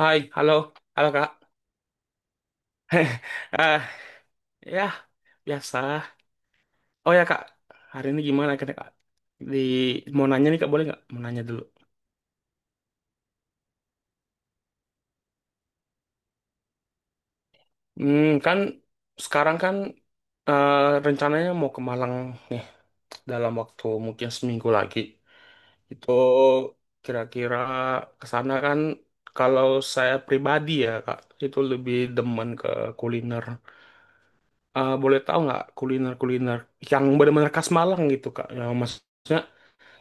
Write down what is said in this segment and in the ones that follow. Hai, halo, halo kak. Eh, ya, biasa. Oh ya kak, hari ini gimana kak? Kak? Di mau nanya nih kak, boleh nggak? Mau nanya dulu. Kan sekarang kan eh, rencananya mau ke Malang nih dalam waktu mungkin seminggu lagi. Itu kira-kira ke sana kan kalau saya pribadi ya kak, itu lebih demen ke kuliner. Boleh tahu nggak kuliner-kuliner yang benar-benar khas Malang gitu kak? Yang maksudnya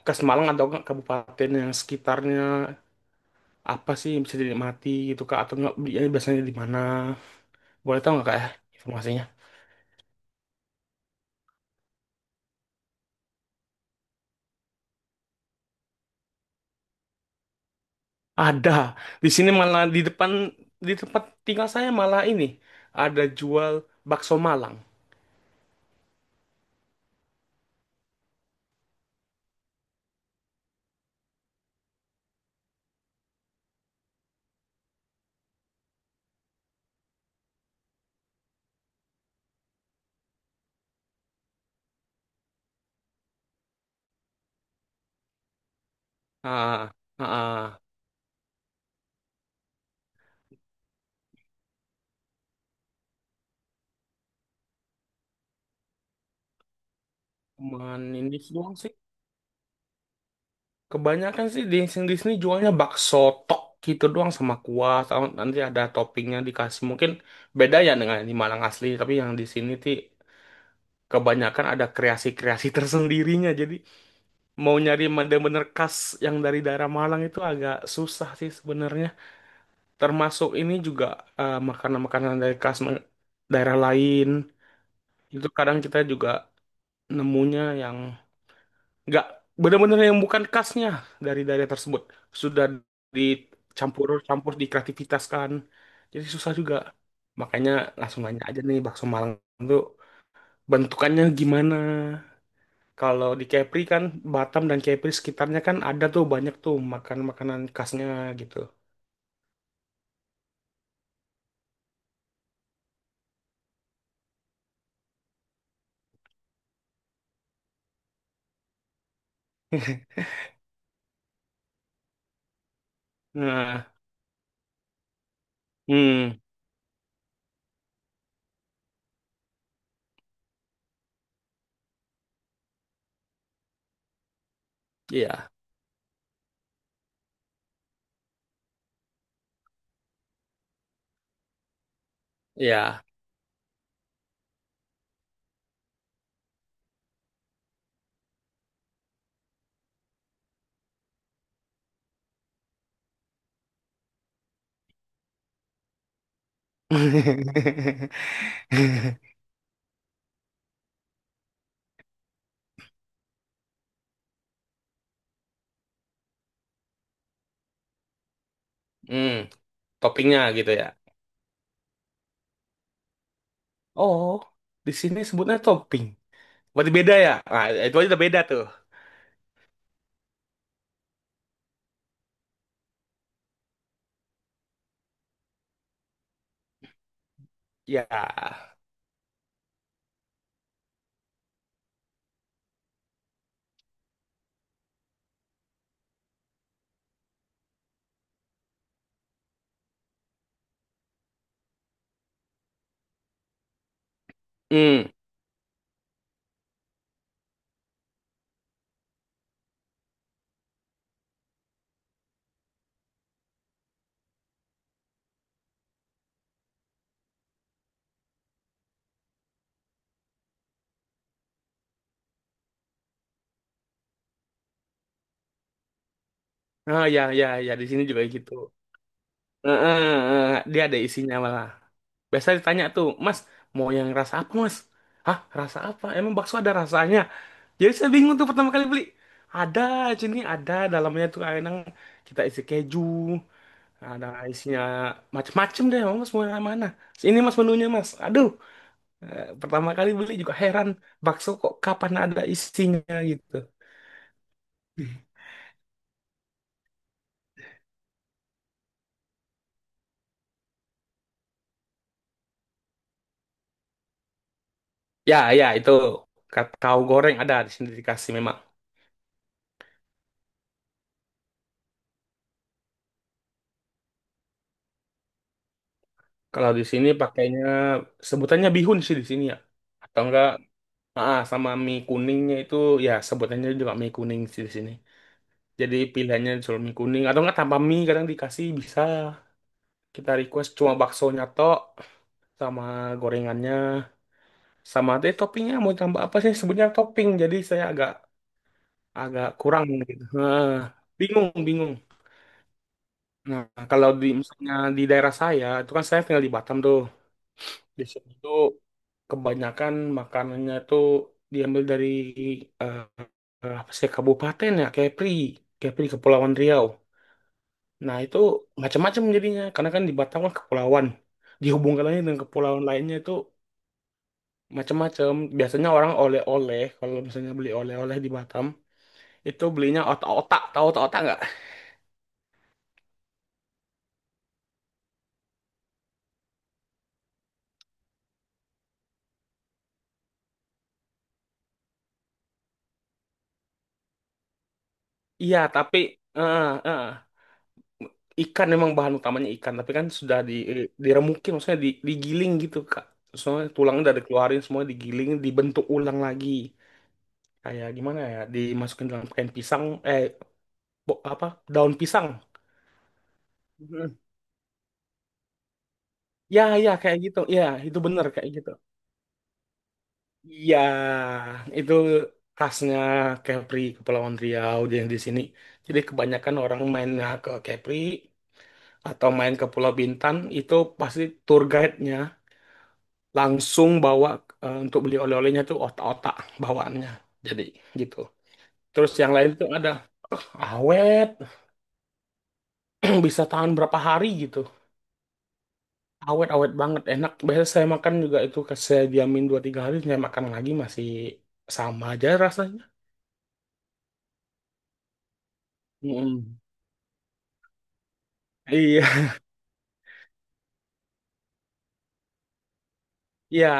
ke Semarang atau ke kabupaten yang sekitarnya, apa sih yang bisa dinikmati gitu kak, atau nggak belinya biasanya di mana, boleh tahu nggak kak ya informasinya. Ada di sini, malah di depan, di tempat tinggal saya malah ini ada jual bakso Malang. Ah, ah, ah. Cuman ini doang sih, kebanyakan sih di sini, di sini jualnya bakso tok gitu doang sama kuah, sama nanti ada toppingnya dikasih. Mungkin beda ya dengan di Malang asli, tapi yang di sini sih kebanyakan ada kreasi-kreasi tersendirinya. Jadi mau nyari bener-bener khas yang dari daerah Malang itu agak susah sih sebenarnya. Termasuk ini juga, makanan-makanan dari khas daerah lain. Itu kadang kita juga nemunya yang nggak bener-bener, yang bukan khasnya dari daerah tersebut. Sudah dicampur-campur, dikreativitaskan. Jadi susah juga. Makanya langsung nanya aja nih, bakso Malang itu bentukannya gimana? Kalau di Kepri kan, Batam dan Kepri sekitarnya kan ada tuh banyak tuh makan-makanan khasnya gitu. Nah, hmm, iya, iya. Hmm, toppingnya gitu ya. Oh, di sini sebutnya topping. Berarti beda ya? Nah, itu aja udah beda tuh. Ya. Hmm. Ah, ya, ya, ya. Di sini juga gitu. Eh, eh, Dia ada isinya malah. Biasa ditanya tuh, Mas, mau yang rasa apa, Mas? Hah, rasa apa? Emang bakso ada rasanya? Jadi saya bingung tuh pertama kali beli. Ada, sini ada dalamnya tuh ayam, kita isi keju, ada isinya macem-macem deh, mas mau yang mana? Ini mas menunya mas. Aduh, pertama kali beli juga heran, bakso kok kapan ada isinya gitu. Ya ya itu, kau goreng ada di sini dikasih memang. Kalau di sini pakainya sebutannya bihun sih di sini ya. Atau enggak, ah, sama mie kuningnya itu ya sebutannya juga mie kuning sih di sini. Jadi pilihannya jual mie kuning atau enggak, tanpa mie kadang dikasih, bisa kita request cuma baksonya tok, sama gorengannya, sama deh toppingnya mau tambah apa, sih sebutnya topping, jadi saya agak agak kurang gitu. Nah, bingung, bingung. Nah, kalau di misalnya di daerah saya itu kan, saya tinggal di Batam tuh, di sini tuh kebanyakan makanannya tuh diambil dari eh, apa sih kabupaten ya, Kepri, Kepri, Kepulauan Riau. Nah, itu macam-macam jadinya karena kan di Batam kan kepulauan. Dihubungkannya dengan kepulauan lainnya itu macam-macam. Biasanya orang oleh-oleh, kalau misalnya beli oleh-oleh di Batam itu belinya otak-otak. Tahu otak-otak nggak? Iya, tapi eh, eh, ikan, memang bahan utamanya ikan, tapi kan sudah di diremukin, maksudnya digiling gitu, Kak. Soalnya tulangnya udah dikeluarin semua, digiling, dibentuk ulang lagi. Kayak gimana ya? Dimasukin dalam kain pisang, eh apa? Daun pisang. Ya, ya, kayak gitu. Ya, itu bener kayak gitu. Iya, itu khasnya Kepri, Kepulauan Riau yang di sini. Jadi kebanyakan orang mainnya ke Kepri atau main ke Pulau Bintan, itu pasti tour guide-nya langsung bawa, untuk beli oleh-olehnya tuh otak-otak bawaannya. Jadi gitu. Terus yang lain itu ada awet, bisa tahan berapa hari gitu. Awet, awet banget, enak, biasa saya makan juga itu, saya diamin dua tiga hari saya makan lagi masih sama aja rasanya. Mm-mm. Iya, iya,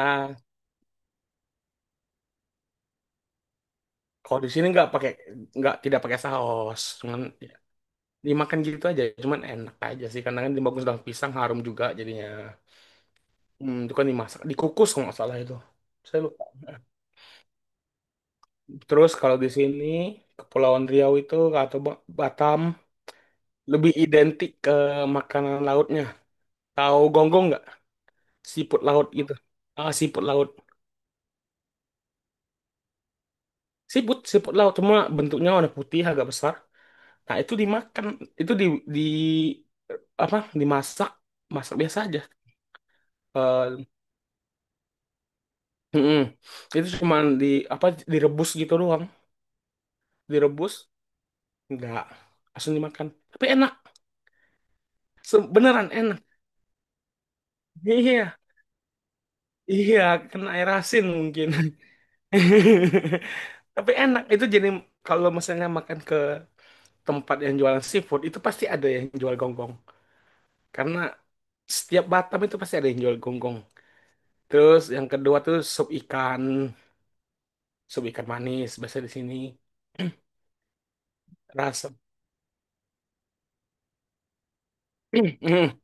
kalau di sini nggak pakai, nggak, tidak pakai saus, cuman ya, dimakan gitu aja, cuman enak aja sih karena kan dimakan daun pisang harum juga jadinya. Hmm, itu kan dimasak, dikukus kalau nggak salah itu, saya lupa. Terus kalau di sini, Kepulauan Riau itu atau Batam lebih identik ke makanan lautnya. Tahu gonggong nggak? Siput laut gitu. Ah, siput laut. Siput, siput laut, cuma bentuknya warna putih agak besar. Nah, itu dimakan, itu di apa? Dimasak, masak biasa aja. Eh, mm-mm. Itu cuma di apa direbus gitu doang. Direbus, enggak, langsung dimakan. Tapi enak, beneran enak. Iya, iya, kena air asin mungkin. Tapi enak, itu jadi kalau misalnya makan ke tempat yang jualan seafood, itu pasti ada yang jual gonggong. Karena setiap Batam itu pasti ada yang jual gonggong. Terus yang kedua tuh sup ikan manis biasa di sini. Rasa, mm, mm.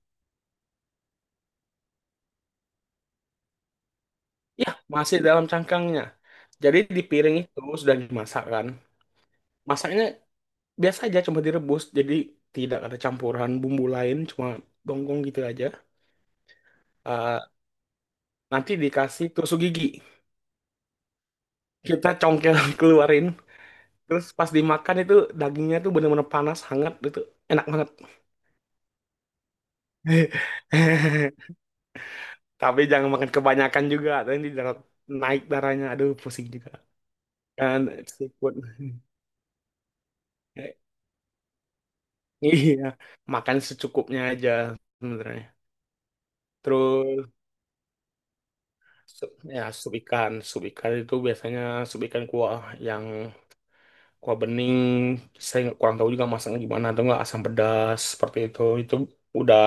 Ya, masih dalam cangkangnya. Jadi di piring itu sudah dimasak kan. Masaknya biasa aja, cuma direbus, jadi tidak ada campuran bumbu lain, cuma gonggong gitu aja. Eh, nanti dikasih tusuk gigi, kita congkel keluarin. Terus pas dimakan itu dagingnya tuh bener-bener panas, hangat, itu enak banget. Tapi jangan makan kebanyakan juga, nanti darah, naik darahnya. Aduh, pusing juga. Kan seafood. Iya, makan secukupnya aja sebenarnya. Terus ya sup ikan itu biasanya sup ikan kuah yang kuah bening. Saya nggak kurang tahu juga masaknya gimana atau nggak asam pedas seperti itu. Itu udah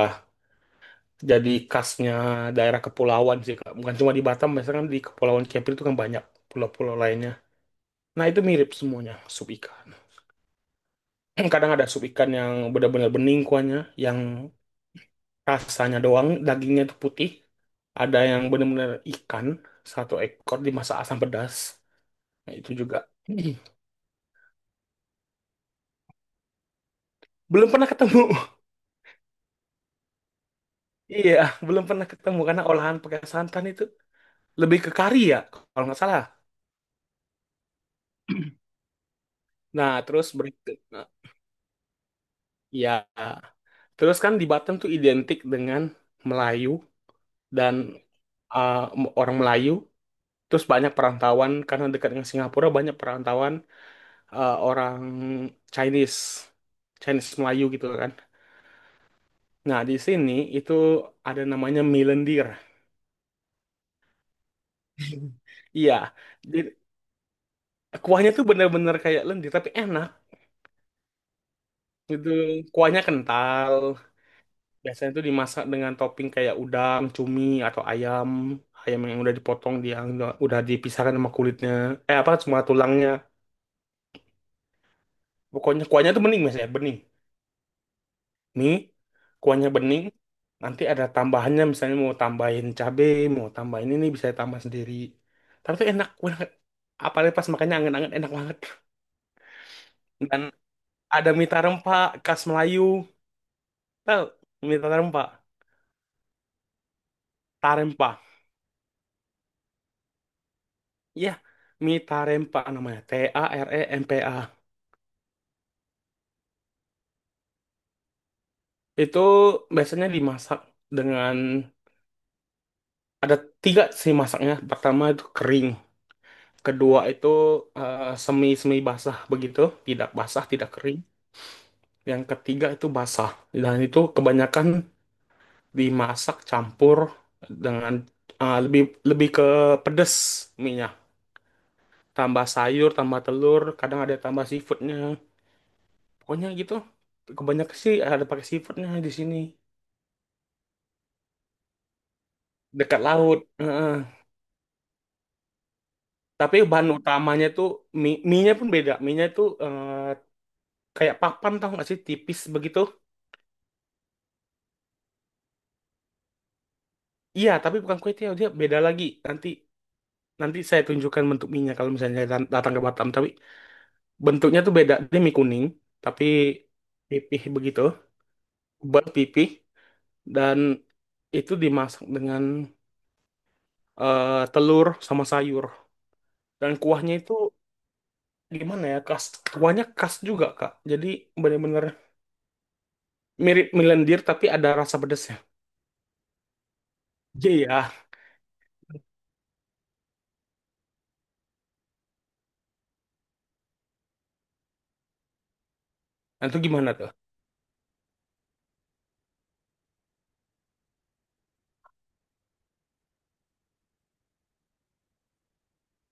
jadi khasnya daerah kepulauan sih Kak. Bukan cuma di Batam, biasanya kan di Kepulauan Kepri itu kan banyak pulau-pulau lainnya. Nah, itu mirip semuanya sup ikan. Kadang ada sup ikan yang benar-benar bening kuahnya, yang rasanya doang, dagingnya itu putih. Ada yang benar-benar ikan, satu ekor dimasak asam pedas. Nah, itu juga. Belum pernah ketemu. Iya, belum pernah ketemu karena olahan pakai santan itu lebih ke kari ya, kalau nggak salah. Nah, terus berikut. Nah, ya, terus kan di Batam tuh identik dengan Melayu dan uh, orang Melayu. Terus banyak perantauan karena dekat dengan Singapura, banyak perantauan orang Chinese, Chinese Melayu gitu kan. Nah, di sini itu ada namanya mie lendir. Iya, jadi kuahnya tuh bener-bener kayak lendir tapi enak gitu. Kuahnya kental. Biasanya tuh dimasak dengan topping kayak udang, cumi, atau ayam, ayam yang udah dipotong, dia udah dipisahkan sama kulitnya. Eh apa, cuma tulangnya. Pokoknya kuahnya tuh bening biasanya, bening. Mie, kuahnya bening, nanti ada tambahannya, misalnya mau tambahin cabe, mau tambahin ini, bisa tambah sendiri. Tapi itu enak banget. Apalagi pas makannya anget-anget enak banget. Dan ada mie tarempa khas Melayu. Tahu mie tarempa, tarempa. Iya, mie tarempa namanya. T A R E M P A. Itu biasanya dimasak dengan ada tiga sih masaknya. Pertama itu kering. Kedua itu semi-semi basah begitu, tidak basah, tidak kering. Yang ketiga itu basah. Dan itu kebanyakan dimasak campur dengan ah, lebih lebih ke pedes minyak. Tambah sayur, tambah telur, kadang ada tambah seafoodnya. Pokoknya gitu. Kebanyakan sih ada pakai seafoodnya di sini. Dekat laut. Heeh. Tapi bahan utamanya tuh mie, mie-nya pun beda. Mie-nya tuh kayak papan, tau gak sih tipis begitu. Iya, tapi bukan kue tiaw, dia beda lagi. Nanti Nanti saya tunjukkan bentuk mie kalau misalnya datang ke Batam. Tapi bentuknya tuh beda. Dia mie kuning, tapi pipih begitu. Buat pipih. Dan itu dimasak dengan telur sama sayur. Dan kuahnya itu gimana ya? Khas, kuahnya khas juga, Kak. Jadi bener-bener mirip mie lendir, tapi ada rasa pedasnya. Iya, ya. Nah, itu gimana tuh?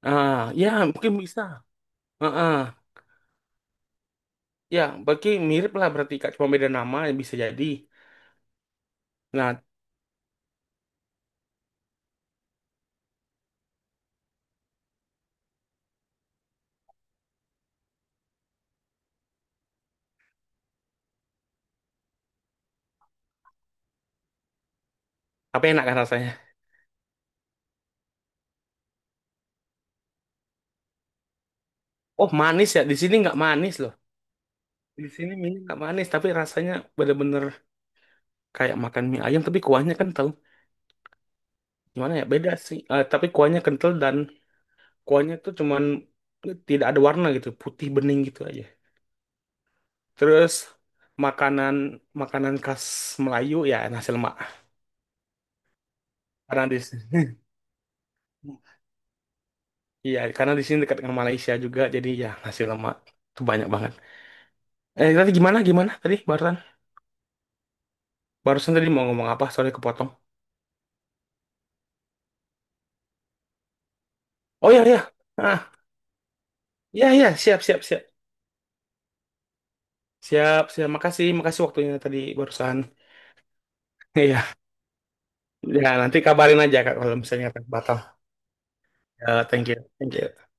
Ah, ya mungkin bisa. Heeh. Ya, bagi mirip lah berarti, Kak. Cuma beda nama, ya bisa jadi. Nah, tapi enak kan rasanya. Oh, manis ya. Di sini nggak manis loh. Di sini mie nggak manis, tapi rasanya bener-bener kayak makan mie ayam, tapi kuahnya kental. Gimana ya? Beda sih. Eh, tapi kuahnya kental dan kuahnya tuh cuman tidak ada warna gitu, putih bening gitu aja. Terus makanan, makanan khas Melayu ya nasi lemak. Karena di sini, iya karena di sini dekat dengan Malaysia juga, jadi ya nasi lemak tuh banyak banget. Eh tadi gimana, gimana tadi barusan, barusan tadi mau ngomong apa? Sorry kepotong. Oh iya iya. Ah, iya iya, siap siap siap. Siap, siap. Makasih, makasih waktunya tadi barusan. Iya. Ya, nanti kabarin aja Kak kalau misalnya batal. Ya, thank you. Thank you.